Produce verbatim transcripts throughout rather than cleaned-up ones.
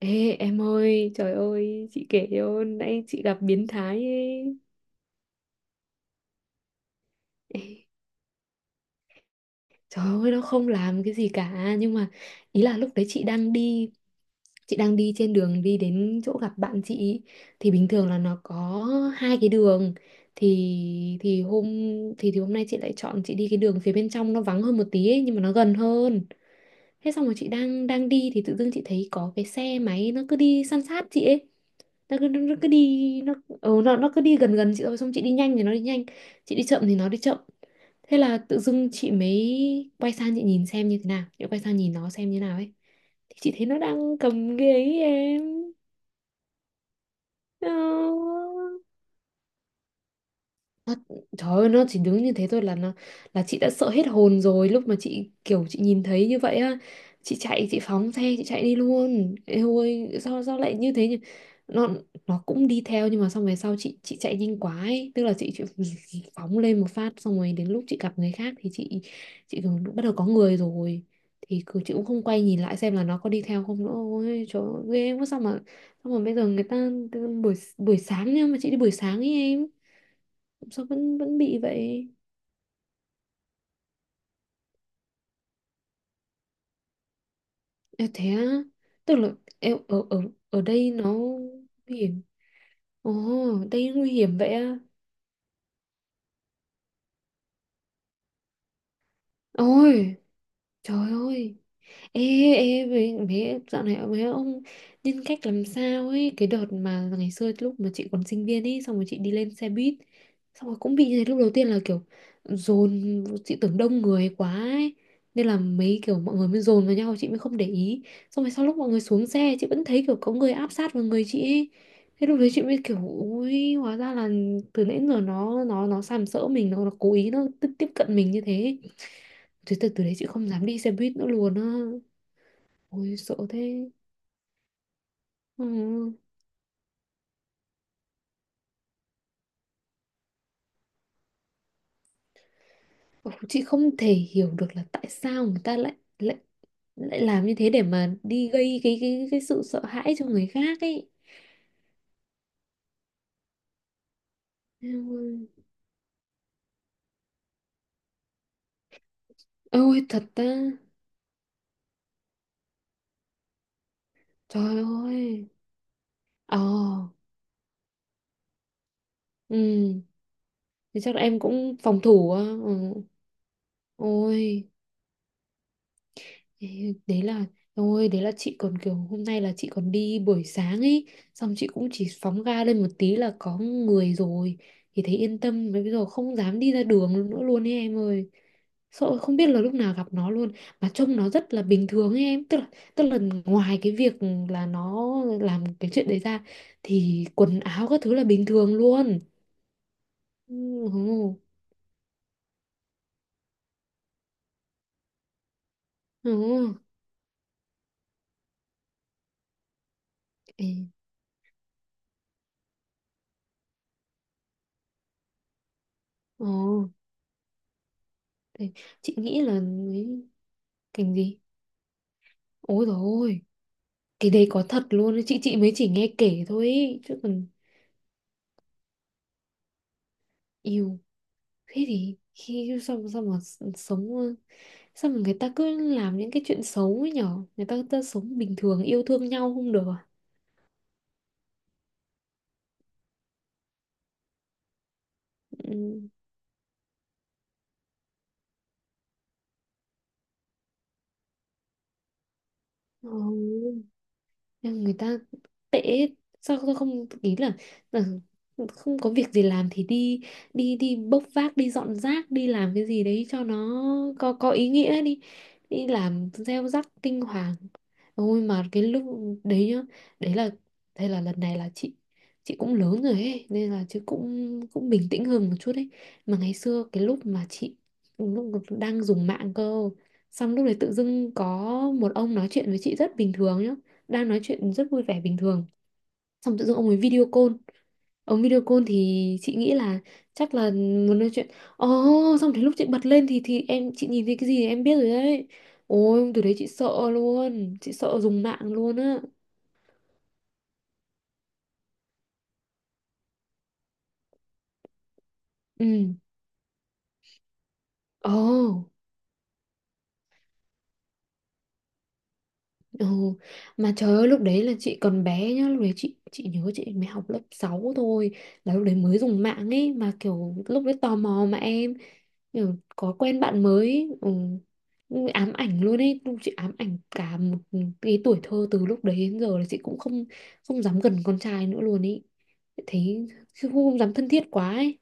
Ê em ơi, trời ơi, chị kể cho nãy chị gặp biến thái ấy. Ê, trời ơi, nó không làm cái gì cả. Nhưng mà ý là lúc đấy chị đang đi, chị đang đi trên đường đi đến chỗ gặp bạn chị. Thì bình thường là nó có hai cái đường. Thì thì hôm thì thì hôm nay chị lại chọn chị đi cái đường phía bên trong nó vắng hơn một tí ấy, nhưng mà nó gần hơn. Thế xong rồi chị đang đang đi thì tự dưng chị thấy có cái xe máy nó cứ đi san sát chị ấy. nó cứ, nó cứ đi nó ừ, nó nó cứ đi gần gần chị thôi, xong chị đi nhanh thì nó đi nhanh, chị đi chậm thì nó đi chậm. Thế là tự dưng chị mới quay sang chị nhìn xem như thế nào, chị quay sang nhìn nó xem như nào ấy, thì chị thấy nó đang cầm ghế ấy em. Ờ. Nó, trời ơi nó chỉ đứng như thế thôi là nó là chị đã sợ hết hồn rồi, lúc mà chị kiểu chị nhìn thấy như vậy á, chị chạy chị phóng xe chị chạy đi luôn. Ê ôi sao sao lại như thế nhỉ. Nó nó cũng đi theo nhưng mà xong về sau chị chị chạy nhanh quá ấy. Tức là chị, chị phóng lên một phát, xong rồi đến lúc chị gặp người khác thì chị chị kiểu bắt đầu có người rồi, thì cứ chị cũng không quay nhìn lại xem là nó có đi theo không nữa. Ôi trời ơi, ghê quá. Sao mà sao mà bây giờ người ta buổi buổi sáng nhưng mà chị đi buổi sáng ấy em, sao vẫn vẫn bị vậy. À, thế á. Tức là em ở ở ở đây nó nguy hiểm. Ồ, đây nguy hiểm vậy á. Ôi, trời ơi. Ê, ê, mấy, mấy, dạo này mấy ông nhân cách làm sao ấy. Cái đợt mà ngày xưa lúc mà chị còn sinh viên ấy, xong rồi chị đi lên xe buýt, xong rồi cũng bị như thế. Lúc đầu tiên là kiểu dồn, chị tưởng đông người quá ấy, nên là mấy kiểu mọi người mới dồn vào nhau chị mới không để ý. Xong rồi sau lúc mọi người xuống xe, chị vẫn thấy kiểu có người áp sát vào người chị ấy. Thế lúc đấy chị mới kiểu ui, hóa ra là từ nãy đến giờ nó nó nó sàm sỡ mình. Nó, nó cố ý nó tiếp tiếp cận mình như thế. Thế từ, từ đấy chị không dám đi xe buýt nữa luôn á. Ôi sợ thế. Ừ. Chị không thể hiểu được là tại sao người ta lại lại lại làm như thế để mà đi gây cái cái cái sự sợ hãi cho người khác ấy. Em ơi. Ôi, thật ta. Trời ơi. Ờ. Ừ. Thì chắc là em cũng phòng thủ á. Ừ. Ôi. Ê, đấy là ôi đấy là chị còn kiểu hôm nay là chị còn đi buổi sáng ấy, xong chị cũng chỉ phóng ga lên một tí là có người rồi thì thấy yên tâm. Mà bây giờ không dám đi ra đường nữa luôn ấy em ơi, sợ không biết là lúc nào gặp nó luôn. Mà trông nó rất là bình thường ấy em, tức là tức là ngoài cái việc là nó làm cái chuyện đấy ra thì quần áo các thứ là bình thường luôn. ừ, ừ, ừ. Ê, ờ, thế chị nghĩ là ấy, cảnh gì. Ôi rồi, cái đấy có thật luôn ấy, chị chị mới chỉ nghe kể thôi ấy. Chứ còn yêu, thế thì khi sao sao mà s- sống, sao mà người ta cứ làm những cái chuyện xấu ấy nhở, người ta, ta sống bình thường yêu thương nhau không được à. Ừ. Ừ. Nhưng người ta tệ. Sao tôi không ý là, là không có việc gì làm thì đi đi đi bốc vác, đi dọn rác, đi làm cái gì đấy cho nó có có ý nghĩa đi, đi làm gieo rắc kinh hoàng. Ôi mà cái lúc đấy nhá, đấy là đây là lần này là chị chị cũng lớn rồi ấy nên là chứ cũng cũng bình tĩnh hơn một chút ấy. Mà ngày xưa cái lúc mà chị lúc đang dùng mạng cơ, xong lúc đấy tự dưng có một ông nói chuyện với chị rất bình thường nhá, đang nói chuyện rất vui vẻ bình thường xong tự dưng ông ấy video call. Ông video call thì chị nghĩ là chắc là muốn nói chuyện. Ồ, oh, xong đến lúc chị bật lên thì thì em chị nhìn thấy cái gì em biết rồi đấy. Ôi từ đấy chị sợ luôn, chị sợ dùng mạng luôn á. Ừ. Ồ. Ồ, mà trời ơi lúc đấy là chị còn bé nhá, lúc đấy chị chị nhớ chị mới học lớp sáu thôi, là lúc đấy mới dùng mạng ấy mà kiểu lúc đấy tò mò mà em, kiểu có quen bạn mới ý. ừ, ừ, ám ảnh luôn ấy, lúc chị ám ảnh cả một cái tuổi thơ, từ lúc đấy đến giờ là chị cũng không không dám gần con trai nữa luôn ấy, thấy không, không dám thân thiết quá ấy.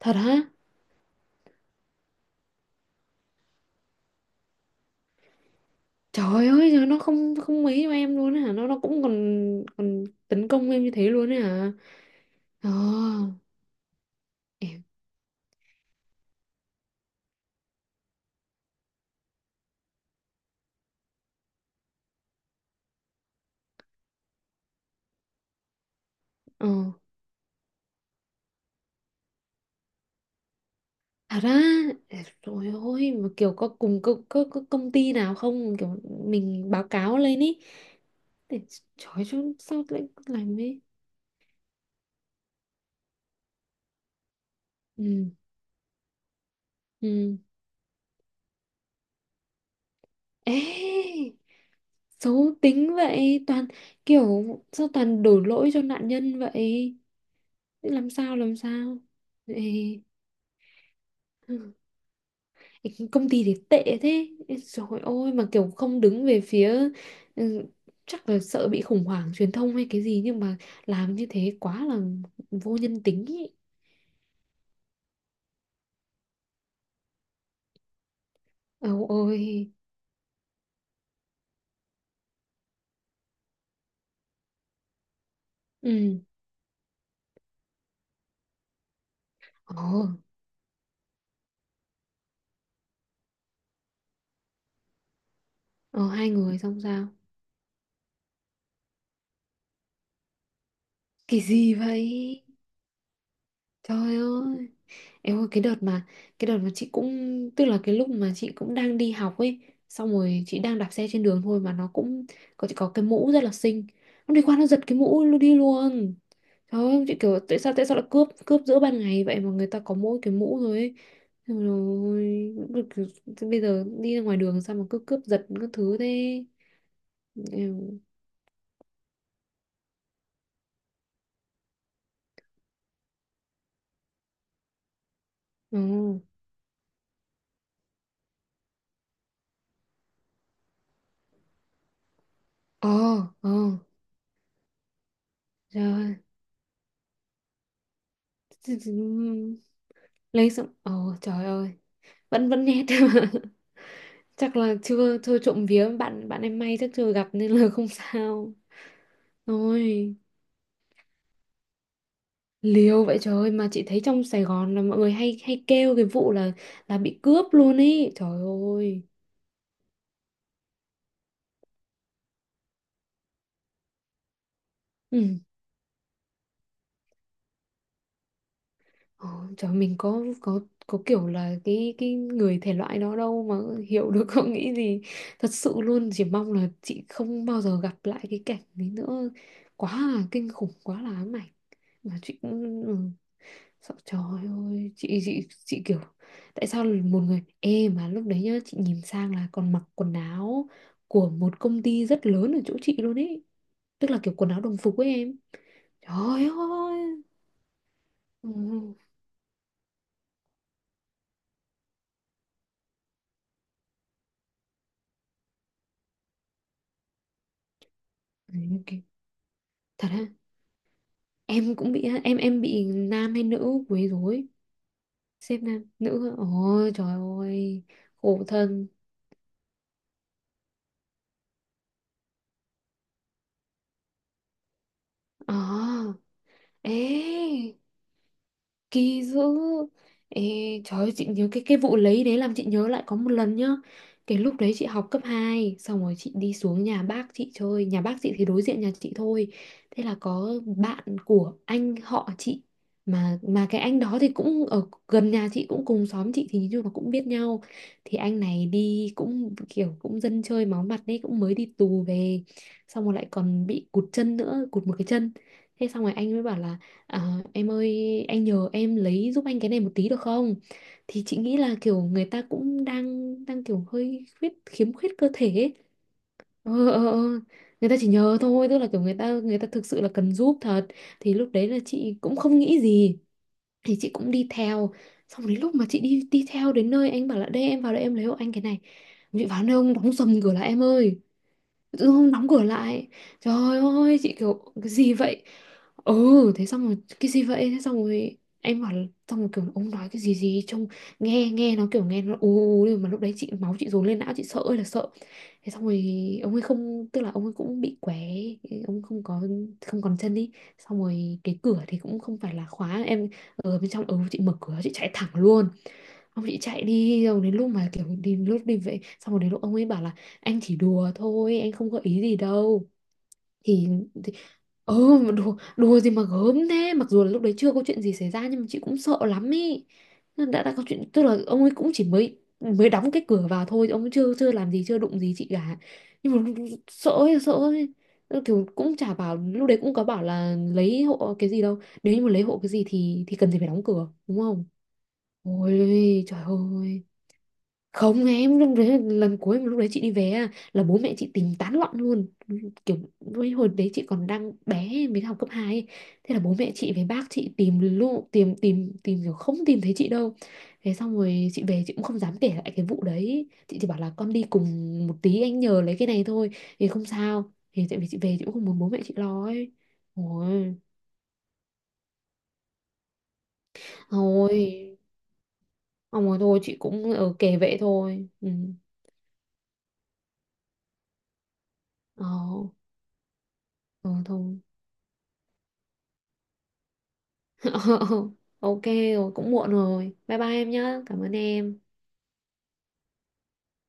Thật hả. Trời ơi giờ nó không không mấy cho em luôn ấy hả, nó nó cũng còn còn tấn công em như thế luôn ấy hả. Ờ. Ờ, thật ra rồi. Ôi mà kiểu có cùng có, có, có công ty nào không kiểu mình báo cáo lên ý để. Trời chứ sao lại làm ấy. Ừ. Ừ. Ê. Xấu tính vậy, toàn kiểu sao toàn đổ lỗi cho nạn nhân vậy. Làm sao làm sao. Ê. Ừ. Cái công ty thì tệ thế. Ê, trời ơi mà kiểu không đứng về phía. Ừ, chắc là sợ bị khủng hoảng truyền thông hay cái gì nhưng mà làm như thế quá là vô nhân tính ý. Âu ôi. Ừ. Ồ. Ờ, hai người xong sao. Kỳ gì vậy. Trời ơi. Em ơi cái đợt mà cái đợt mà chị cũng tức là cái lúc mà chị cũng đang đi học ấy, xong rồi chị đang đạp xe trên đường thôi mà nó cũng có, chị có cái mũ rất là xinh, nó đi qua nó giật cái mũ luôn đi luôn. Trời ơi chị kiểu tại sao tại sao lại cướp cướp giữa ban ngày vậy, mà người ta có mỗi cái mũ rồi ấy. Xong rồi cứ- bây giờ đi ra ngoài đường sao mà cứ cướp giật các thứ thế. Em- ờ, ờ ờ Trời ơi. Lấy xong ờ. Trời ơi. Vẫn vẫn nét chắc là chưa chưa trộm vía bạn bạn em may, chắc chưa gặp nên là không sao. Ôi, liều vậy trời ơi, mà chị thấy trong Sài Gòn là mọi người hay hay kêu cái vụ là là bị cướp luôn ấy. Trời ơi. Ừ. Ờ, trời mình có có có kiểu là cái cái người thể loại đó đâu mà hiểu được không nghĩ gì. Thật sự luôn chỉ mong là chị không bao giờ gặp lại cái cảnh đấy nữa. Quá là kinh khủng, quá là ám ảnh. Mà chị cũng ừ. Sợ trời ơi chị chị chị kiểu tại sao là một người ê mà lúc đấy nhá chị nhìn sang là còn mặc quần áo của một công ty rất lớn ở chỗ chị luôn ấy, tức là kiểu quần áo đồng phục ấy em. Trời ơi. Ừ. Ừ, ok. Thật ha. Em cũng bị á, em em bị nam hay nữ quấy rối, sếp nam nữ á. Ôi trời ơi. Khổ thân. À. Ê. Kỳ dữ. Ê, trời ơi, chị nhớ cái cái vụ lấy đấy làm chị nhớ lại có một lần nhá. Cái lúc đấy chị học cấp hai, xong rồi chị đi xuống nhà bác chị chơi, nhà bác chị thì đối diện nhà chị thôi. Thế là có bạn của anh họ chị, mà mà cái anh đó thì cũng ở gần nhà chị cũng cùng xóm chị thì như là cũng biết nhau. Thì anh này đi cũng kiểu cũng dân chơi máu mặt đấy, cũng mới đi tù về, xong rồi lại còn bị cụt chân nữa, cụt một cái chân. Thế xong rồi anh mới bảo là à, em ơi, anh nhờ em lấy giúp anh cái này một tí được không? Thì chị nghĩ là kiểu người ta cũng đang đang kiểu hơi khuyết khiếm khuyết cơ thể ấy. Ờ, ờ, ờ. ờ. Người ta chỉ nhờ thôi, tức là kiểu người ta người ta thực sự là cần giúp thật. Thì lúc đấy là chị cũng không nghĩ gì, thì chị cũng đi theo. Xong đến lúc mà chị đi đi theo đến nơi, anh bảo là đây em vào đây em lấy hộ anh cái này. Chị vào nơi ông đóng sầm cửa lại em ơi, tự dưng hôm đóng cửa lại, trời ơi chị kiểu cái gì vậy. Ừ thế xong rồi cái gì vậy, thế xong rồi em bảo, xong rồi kiểu ông nói cái gì gì trông nghe nghe nó kiểu nghe nó ù ù, nhưng mà lúc đấy chị máu chị dồn lên não chị sợ ơi là sợ. Thế xong rồi ông ấy không, tức là ông ấy cũng bị què, ông không có không còn chân đi, xong rồi cái cửa thì cũng không phải là khóa em ở bên trong. Ừ chị mở cửa chị chạy thẳng luôn. Ông chị chạy đi rồi, đến lúc mà kiểu đi lúc đi vậy xong rồi đến lúc ông ấy bảo là anh chỉ đùa thôi anh không có ý gì đâu. Thì, thì ơ mà đùa đùa gì mà gớm thế, mặc dù là lúc đấy chưa có chuyện gì xảy ra nhưng mà chị cũng sợ lắm ý. Nó đã đã có chuyện, tức là ông ấy cũng chỉ mới mới đóng cái cửa vào thôi, ông ấy chưa chưa làm gì chưa đụng gì chị cả, nhưng mà sợ ấy, sợ ấy. Thì cũng chả bảo, lúc đấy cũng có bảo là lấy hộ cái gì đâu, nếu như mà lấy hộ cái gì thì thì cần gì phải đóng cửa đúng không. Ôi trời ơi. Không em, lúc đấy lần cuối mà lúc đấy chị đi về á, là bố mẹ chị tính tán loạn luôn, kiểu với hồi đấy chị còn đang bé mới học cấp hai ấy. Thế là bố mẹ chị với bác chị tìm luôn, tìm tìm tìm kiểu không tìm thấy chị đâu. Thế xong rồi chị về chị cũng không dám kể lại cái vụ đấy, chị chỉ bảo là con đi cùng một tí anh nhờ lấy cái này thôi thì không sao, thì tại vì chị về chị cũng không muốn bố mẹ chị lo ấy. Ôi, thôi ông ơi thôi chị cũng ở kể vậy thôi. Ừ. Ờ, ờ thôi ok, rồi, cũng muộn rồi. Bye bye em nhé. Cảm ơn em.